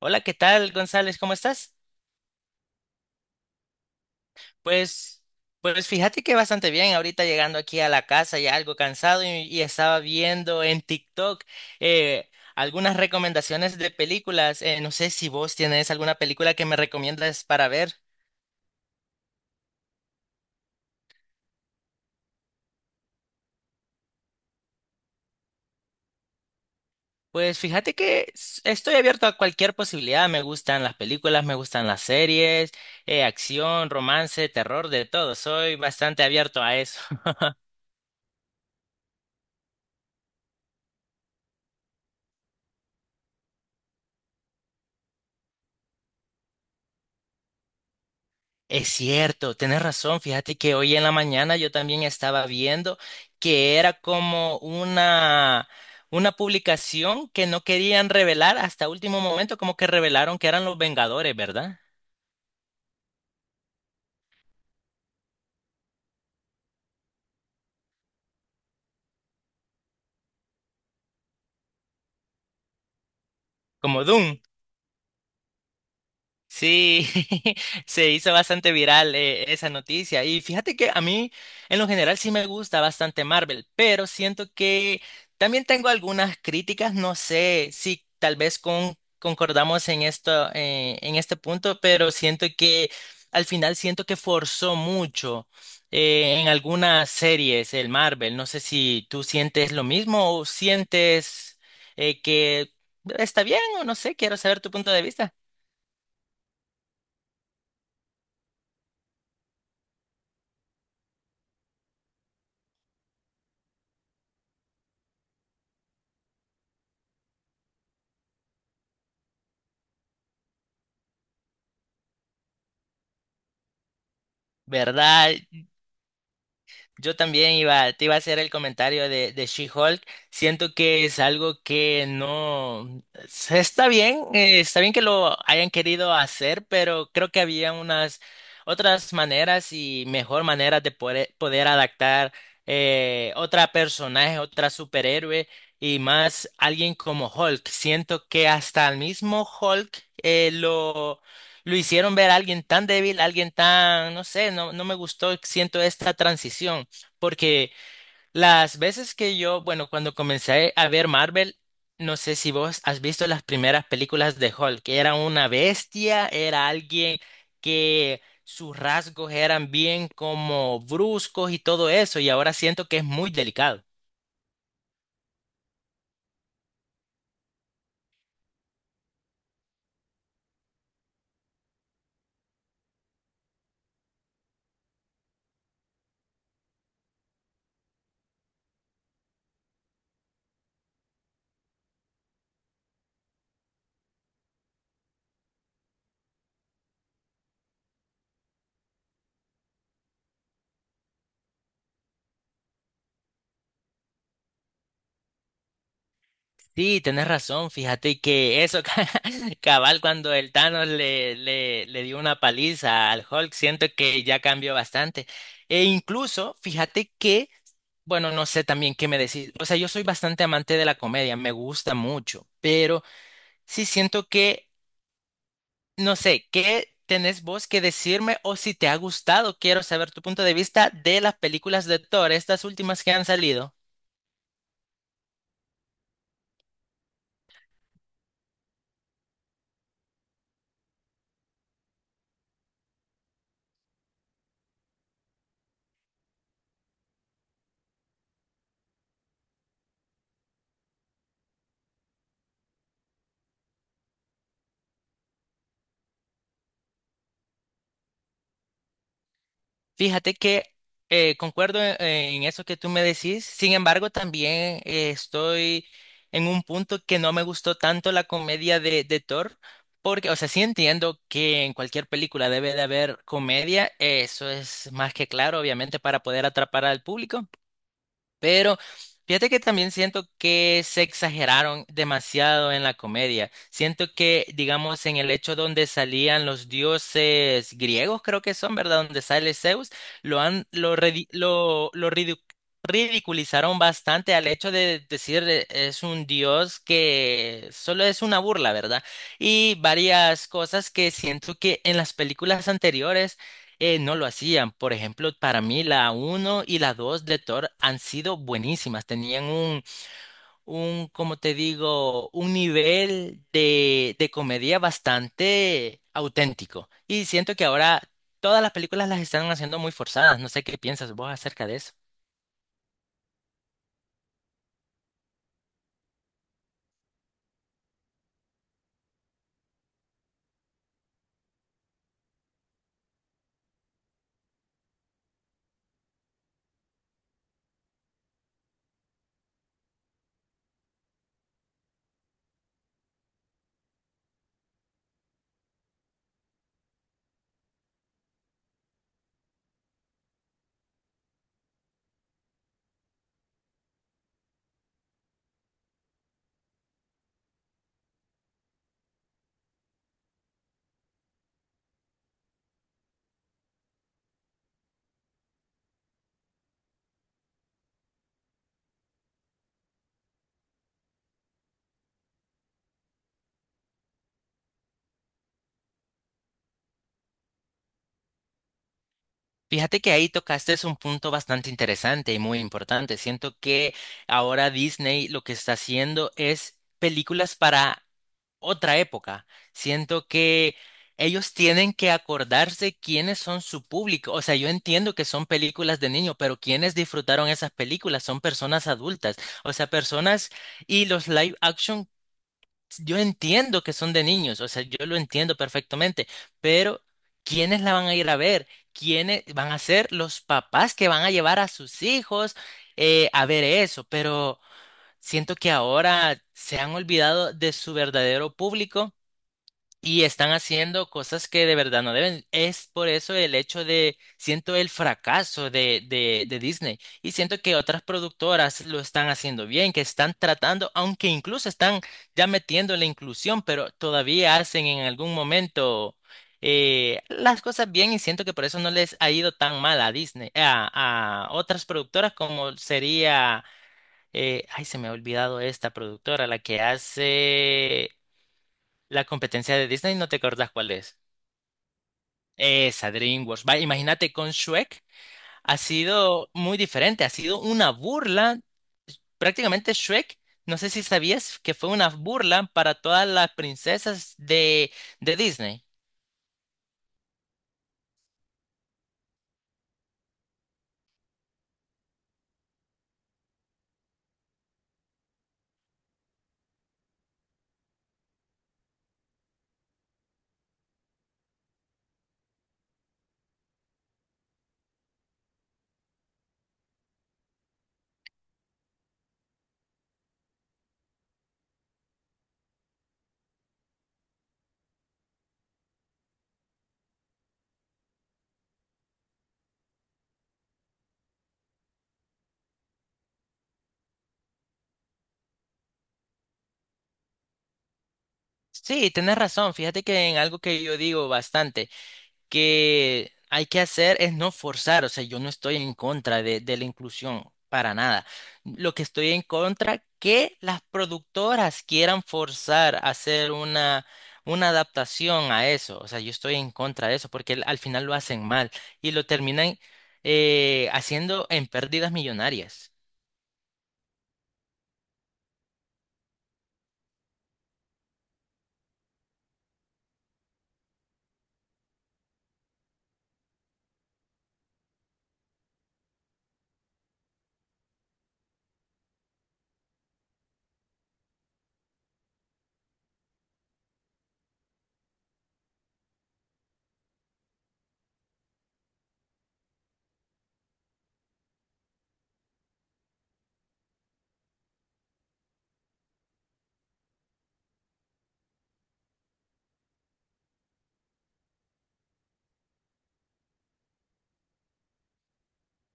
Hola, ¿qué tal, González? ¿Cómo estás? Pues, pues, fíjate que bastante bien. Ahorita llegando aquí a la casa ya algo cansado y estaba viendo en TikTok algunas recomendaciones de películas. No sé si vos tienes alguna película que me recomiendas para ver. Pues fíjate que estoy abierto a cualquier posibilidad. Me gustan las películas, me gustan las series, acción, romance, terror, de todo. Soy bastante abierto a eso. Es cierto, tienes razón. Fíjate que hoy en la mañana yo también estaba viendo que era como una publicación que no querían revelar hasta último momento, como que revelaron que eran los Vengadores, ¿verdad? Como Doom. Sí, se hizo bastante viral esa noticia. Y fíjate que a mí, en lo general, sí me gusta bastante Marvel, pero siento que también tengo algunas críticas. No sé si tal vez concordamos en esto, en este punto, pero siento que al final siento que forzó mucho en algunas series el Marvel. No sé si tú sientes lo mismo o sientes que está bien o no sé. Quiero saber tu punto de vista. ¿Verdad? Yo también iba, te iba a hacer el comentario de She-Hulk. Siento que es algo que no se- está bien que lo hayan querido hacer, pero creo que había unas otras maneras y mejor maneras de poder adaptar otra personaje, otra superhéroe y más alguien como Hulk. Siento que hasta el mismo Hulk eh, lo lo hicieron ver a alguien tan débil, alguien tan, no sé, no, no me gustó, siento esta transición. Porque las veces que yo, bueno, cuando comencé a ver Marvel, no sé si vos has visto las primeras películas de Hulk, que era una bestia, era alguien que sus rasgos eran bien como bruscos y todo eso, y ahora siento que es muy delicado. Sí, tenés razón, fíjate que eso, cabal, cuando el Thanos le dio una paliza al Hulk, siento que ya cambió bastante. E incluso, fíjate que, bueno, no sé también qué me decís, o sea, yo soy bastante amante de la comedia, me gusta mucho, pero sí siento que, no sé, ¿qué tenés vos que decirme o si te ha gustado? Quiero saber tu punto de vista de las películas de Thor, estas últimas que han salido. Fíjate que concuerdo en eso que tú me decís, sin embargo también estoy en un punto que no me gustó tanto la comedia de Thor, porque, o sea, sí entiendo que en cualquier película debe de haber comedia, eso es más que claro, obviamente, para poder atrapar al público. Pero fíjate que también siento que se exageraron demasiado en la comedia. Siento que, digamos, en el hecho donde salían los dioses griegos, creo que son, ¿verdad? Donde sale Zeus, lo han, lo, redi- lo ridicu- ridiculizaron bastante al hecho de decir es un dios que solo es una burla, ¿verdad? Y varias cosas que siento que en las películas anteriores no lo hacían. Por ejemplo, para mí la uno y la 2 de Thor han sido buenísimas. Como te digo, un nivel de comedia bastante auténtico. Y siento que ahora todas las películas las están haciendo muy forzadas. No sé qué piensas vos acerca de eso. Fíjate que ahí tocaste es un punto bastante interesante y muy importante. Siento que ahora Disney lo que está haciendo es películas para otra época. Siento que ellos tienen que acordarse quiénes son su público. O sea, yo entiendo que son películas de niños, pero quienes disfrutaron esas películas son personas adultas. O sea, personas y los live action, yo entiendo que son de niños. O sea, yo lo entiendo perfectamente, pero ¿quiénes la van a ir a ver? ¿Quiénes van a ser los papás que van a llevar a sus hijos a ver eso? Pero siento que ahora se han olvidado de su verdadero público y están haciendo cosas que de verdad no deben. Es por eso el hecho de, siento el fracaso de Disney. Y siento que otras productoras lo están haciendo bien, que están tratando, aunque incluso están ya metiendo la inclusión, pero todavía hacen en algún momento las cosas bien y siento que por eso no les ha ido tan mal a Disney, a otras productoras como sería, ay, se me ha olvidado esta productora, la que hace... La competencia de Disney, ¿no te acuerdas cuál es? Esa, DreamWorks. Va, imagínate con Shrek, ha sido muy diferente, ha sido una burla. Prácticamente Shrek, no sé si sabías que fue una burla para todas las princesas de Disney. Sí, tienes razón. Fíjate que en algo que yo digo bastante, que hay que hacer es no forzar, o sea, yo no estoy en contra de la inclusión para nada. Lo que estoy en contra que las productoras quieran forzar a hacer una adaptación a eso, o sea, yo estoy en contra de eso porque al al final lo hacen mal y lo terminan haciendo en pérdidas millonarias.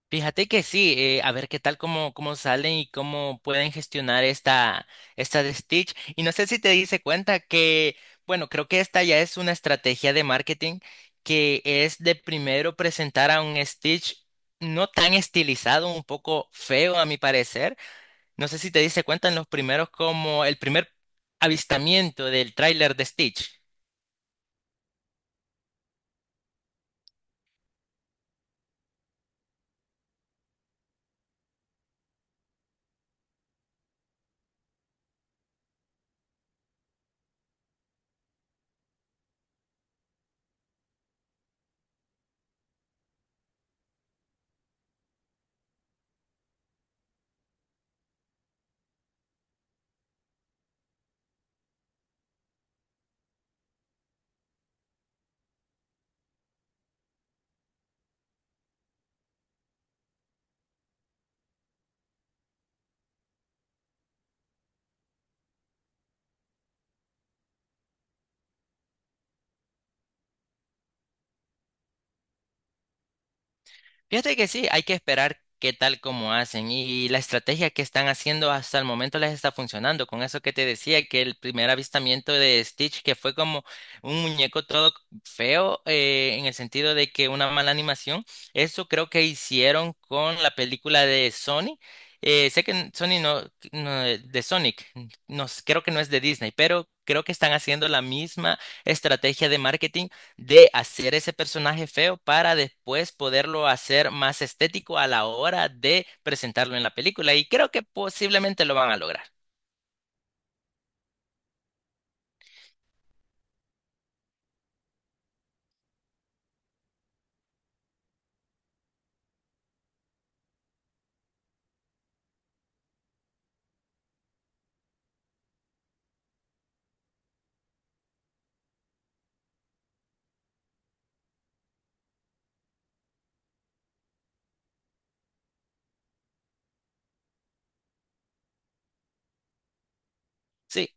Fíjate que sí, a ver qué tal cómo, cómo salen y cómo pueden gestionar esta de Stitch. Y no sé si te diste cuenta que, bueno, creo que esta ya es una estrategia de marketing que es de primero presentar a un Stitch no tan estilizado, un poco feo a mi parecer. No sé si te diste cuenta en los primeros como el primer avistamiento del tráiler de Stitch. Fíjate que sí, hay que esperar qué tal como hacen y la estrategia que están haciendo hasta el momento les está funcionando. Con eso que te decía, que el primer avistamiento de Stitch, que fue como un muñeco todo feo, en el sentido de que una mala animación, eso creo que hicieron con la película de Sony. Sé que Sony no, de Sonic, no, creo que no es de Disney, pero creo que están haciendo la misma estrategia de marketing de hacer ese personaje feo para después poderlo hacer más estético a la hora de presentarlo en la película. Y creo que posiblemente lo van a lograr. Sí,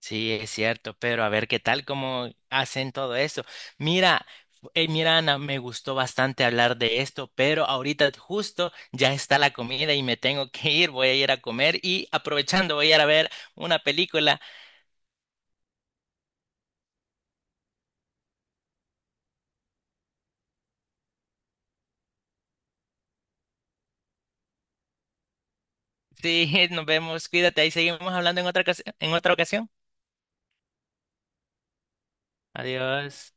sí, es cierto, pero a ver qué tal, cómo hacen todo eso. Mira. Mira, Ana, me gustó bastante hablar de esto, pero ahorita justo ya está la comida y me tengo que ir, voy a ir a comer y aprovechando voy a ir a ver una película. Sí, nos vemos, cuídate, ahí seguimos hablando en en otra ocasión. Adiós.